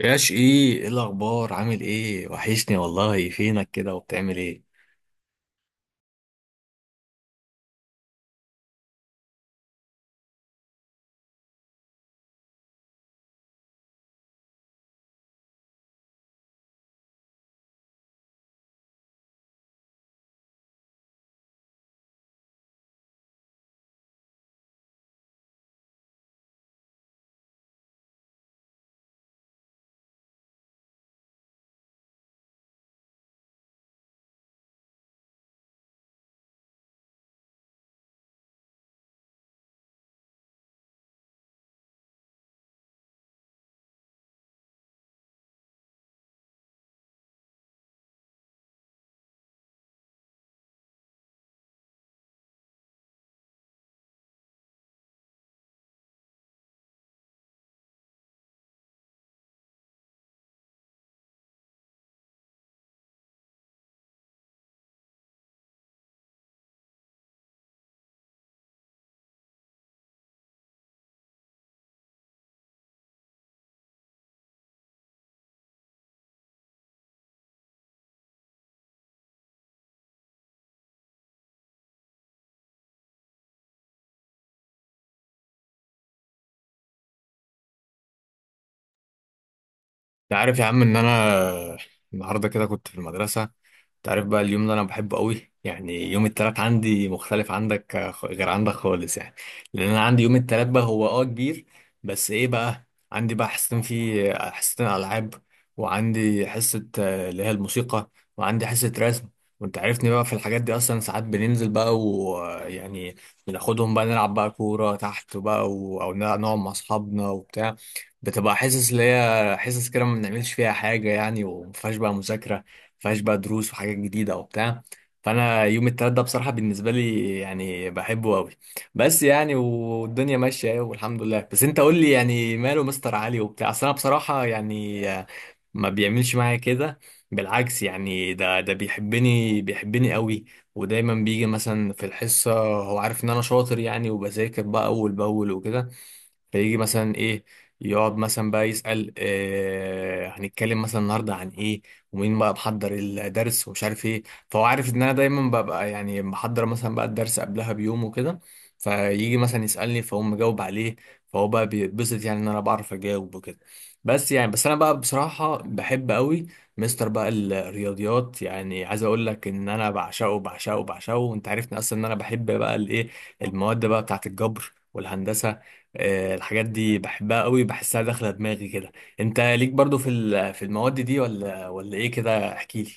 ياش ايه، ايه الاخبار؟ عامل ايه؟ وحشني والله، فينك كده وبتعمل ايه؟ انت عارف يا عم ان انا النهارده كده كنت في المدرسه. تعرف بقى اليوم اللي انا بحبه قوي، يعني يوم التلات عندي مختلف عندك، غير عندك خالص يعني. لان انا عندي يوم التلات بقى هو كبير. بس ايه، بقى عندي بقى حصتين فيه، حصتين العاب. وعندي حصة اللي هي الموسيقى. وعندي حصة رسم. وانت عارفني بقى في الحاجات دي اصلا ساعات بننزل بقى ويعني بناخدهم بقى نلعب بقى كورة تحت بقى او نلعب، نقعد مع اصحابنا وبتاع. بتبقى حصص اللي هي حصص كده ما بنعملش فيها حاجة يعني، ومفيهاش بقى مذاكرة، فيهاش بقى دروس وحاجات جديده وبتاع. فانا يوم التلات ده بصراحه بالنسبه لي يعني بحبه قوي. بس يعني والدنيا ماشيه اهي والحمد لله. بس انت قول لي يعني ماله مستر علي وبتاع، اصل انا بصراحه يعني، ما بيعملش معايا كده، بالعكس يعني، ده بيحبني بيحبني قوي. ودايما بيجي مثلا في الحصه، هو عارف ان انا شاطر يعني وبذاكر بقى اول باول وكده، فيجي مثلا ايه، يقعد مثلا بقى يسأل هنتكلم مثلا النهارده عن ايه ومين بقى محضر الدرس ومش عارف ايه. فهو عارف ان انا دايما ببقى يعني محضر مثلا بقى الدرس قبلها بيوم وكده، فيجي مثلا يسألني فاقوم مجاوب عليه، فهو بقى بيتبسط يعني ان انا بعرف اجاوب وكده. بس يعني، بس انا بقى بصراحة بحب قوي مستر بقى الرياضيات، يعني عايز اقول لك ان انا بعشقه بعشقه بعشقه. وانت عرفني اصلا ان انا بحب بقى الايه، المواد بقى بتاعت الجبر والهندسة. الحاجات دي بحبها قوي، بحسها داخلة دماغي كده. انت ليك برضو في المواد دي ولا ايه كده؟ احكي لي.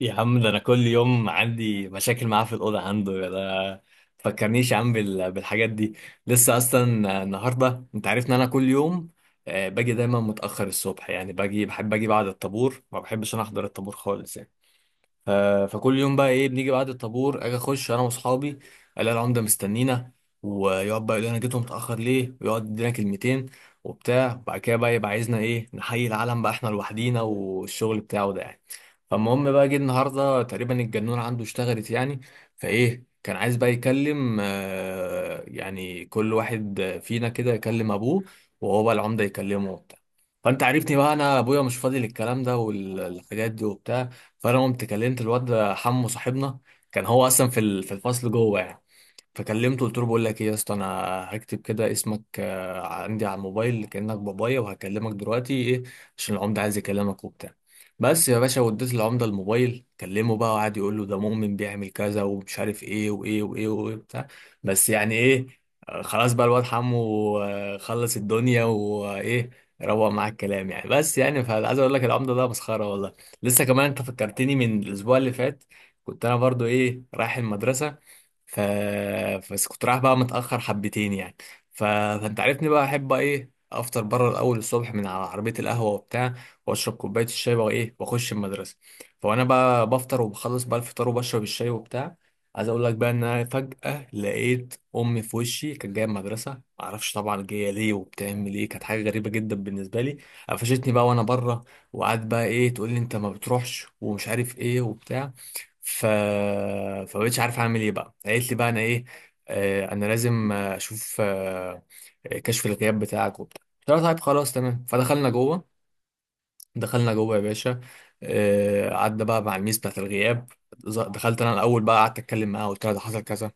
يا عم ده انا كل يوم عندي مشاكل معاه في الاوضه عنده ده. فكرنيش يا عم بالحاجات دي. لسه اصلا النهارده انت عارف ان انا كل يوم باجي دايما متاخر الصبح، يعني باجي بحب اجي بعد الطابور، ما بحبش انا احضر الطابور خالص يعني. ف- فكل يوم بقى ايه بنيجي بعد الطابور، اجي اخش انا واصحابي الاقي العمده مستنينا، ويقعد بقى يقول لي انا جيتهم متاخر ليه، ويقعد يدينا كلمتين وبتاع. بعد كده بقى يبقى عايزنا ايه نحيي العالم بقى احنا لوحدينا والشغل بتاعه ده يعني. فالمهم بقى جه النهارده تقريبا الجنون عنده اشتغلت يعني. فايه كان عايز بقى يكلم، يعني كل واحد فينا كده يكلم ابوه، وهو بقى العمده يكلمه وبتاع. فانت عرفتني بقى انا ابويا مش فاضي للكلام ده والحاجات دي وبتاع. فانا قمت كلمت الواد حمو صاحبنا، كان هو اصلا في الفصل جوه يعني. فكلمته قلت له بقول لك ايه يا اسطى، انا هكتب كده اسمك عندي على الموبايل كأنك بابايا، وهكلمك دلوقتي ايه عشان العمده عايز يكلمك وبتاع. بس يا باشا وديت العمده الموبايل كلمه بقى، وقعد يقول له ده مؤمن بيعمل كذا ومش عارف ايه وايه وايه وايه بتاع. بس يعني ايه، خلاص بقى الواد حمو خلص الدنيا وايه، روق معاك الكلام يعني. بس يعني فعايز اقول لك العمده ده مسخره والله. لسه كمان انت فكرتني من الاسبوع اللي فات، كنت انا برضو ايه رايح المدرسه، ف... بس كنت رايح بقى متأخر حبتين يعني. فانت عارفني بقى احب بقى ايه افطر بره الاول الصبح من على عربية القهوة وبتاع، واشرب كوباية الشاي بقى ايه واخش المدرسة. فانا بقى بفطر وبخلص بقى الفطار وبشرب الشاي وبتاع. عايز اقول لك بقى ان انا فجأة لقيت امي في وشي، كانت جاية المدرسة معرفش طبعا جاية ليه وبتعمل ايه، كانت حاجة غريبة جدا بالنسبة لي. قفشتني بقى وانا بره، وقعدت بقى ايه تقول لي انت ما بتروحش ومش عارف ايه وبتاع. ف فبقيتش عارف اعمل ايه بقى، قالت لي بقى انا ايه، انا لازم اشوف كشف الغياب بتاعك وبتاع. قلت لها طيب خلاص تمام، فدخلنا جوه. دخلنا جوه يا باشا، قعدنا بقى مع الميس بتاعت الغياب. دخلت انا الاول بقى قعدت اتكلم معاها قلت لها ده حصل كذا.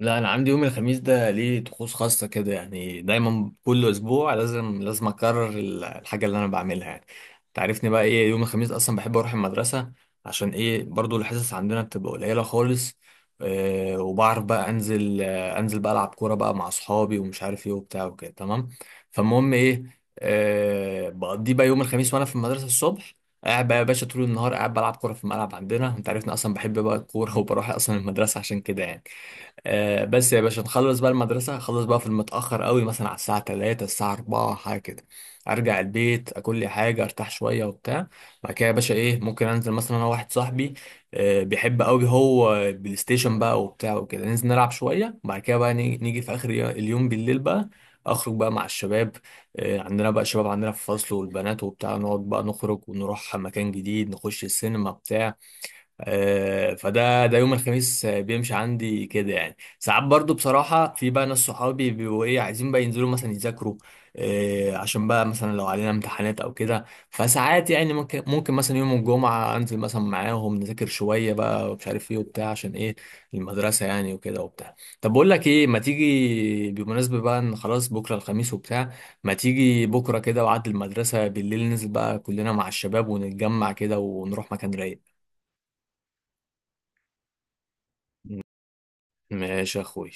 لا، انا عندي يوم الخميس ده ليه طقوس خاصه كده يعني، دايما كل اسبوع لازم لازم اكرر الحاجه اللي انا بعملها يعني. تعرفني بقى ايه يوم الخميس اصلا بحب اروح المدرسه، عشان ايه برضو الحصص عندنا بتبقى قليله خالص. وبعرف بقى انزل بقى العب كوره بقى مع اصحابي ومش عارف ايه وبتاع وكده تمام. فالمهم ايه بقضي بقى يوم الخميس وانا في المدرسه الصبح، قاعد بقى يا باشا طول النهار قاعد بلعب كوره في الملعب عندنا، انت عارفني اصلا بحب بقى الكوره وبروح اصلا المدرسه عشان كده يعني. بس يا باشا نخلص بقى المدرسة، خلص بقى في المتأخر قوي، مثلا على الساعة 3 الساعة 4 حاجة كده. أرجع البيت، أكل لي حاجة أرتاح شوية وبتاع. بعد كده يا باشا إيه ممكن أنزل مثلا أنا واحد صاحبي بيحب قوي هو بلاي ستيشن بقى وبتاع وكده، ننزل نلعب شوية، وبعد كده بقى نيجي في آخر اليوم بالليل بقى أخرج بقى مع الشباب. عندنا بقى شباب عندنا في الفصل والبنات وبتاع، نقعد بقى نخرج ونروح مكان جديد، نخش السينما بتاع. فده ده يوم الخميس بيمشي عندي كده يعني. ساعات برضو بصراحة في بقى ناس صحابي بيبقوا ايه عايزين بقى ينزلوا مثلا يذاكروا، عشان بقى مثلا لو علينا امتحانات او كده، فساعات يعني ممكن مثلا يوم الجمعة انزل مثلا معاهم نذاكر شوية بقى ومش عارف ايه وبتاع عشان ايه المدرسة يعني وكده وبتاع. طب بقول لك ايه، ما تيجي بمناسبة بقى ان خلاص بكرة الخميس وبتاع، ما تيجي بكرة كده وعد المدرسة بالليل، ننزل بقى كلنا مع الشباب ونتجمع كده ونروح مكان رايق. ماشي يا اخوي.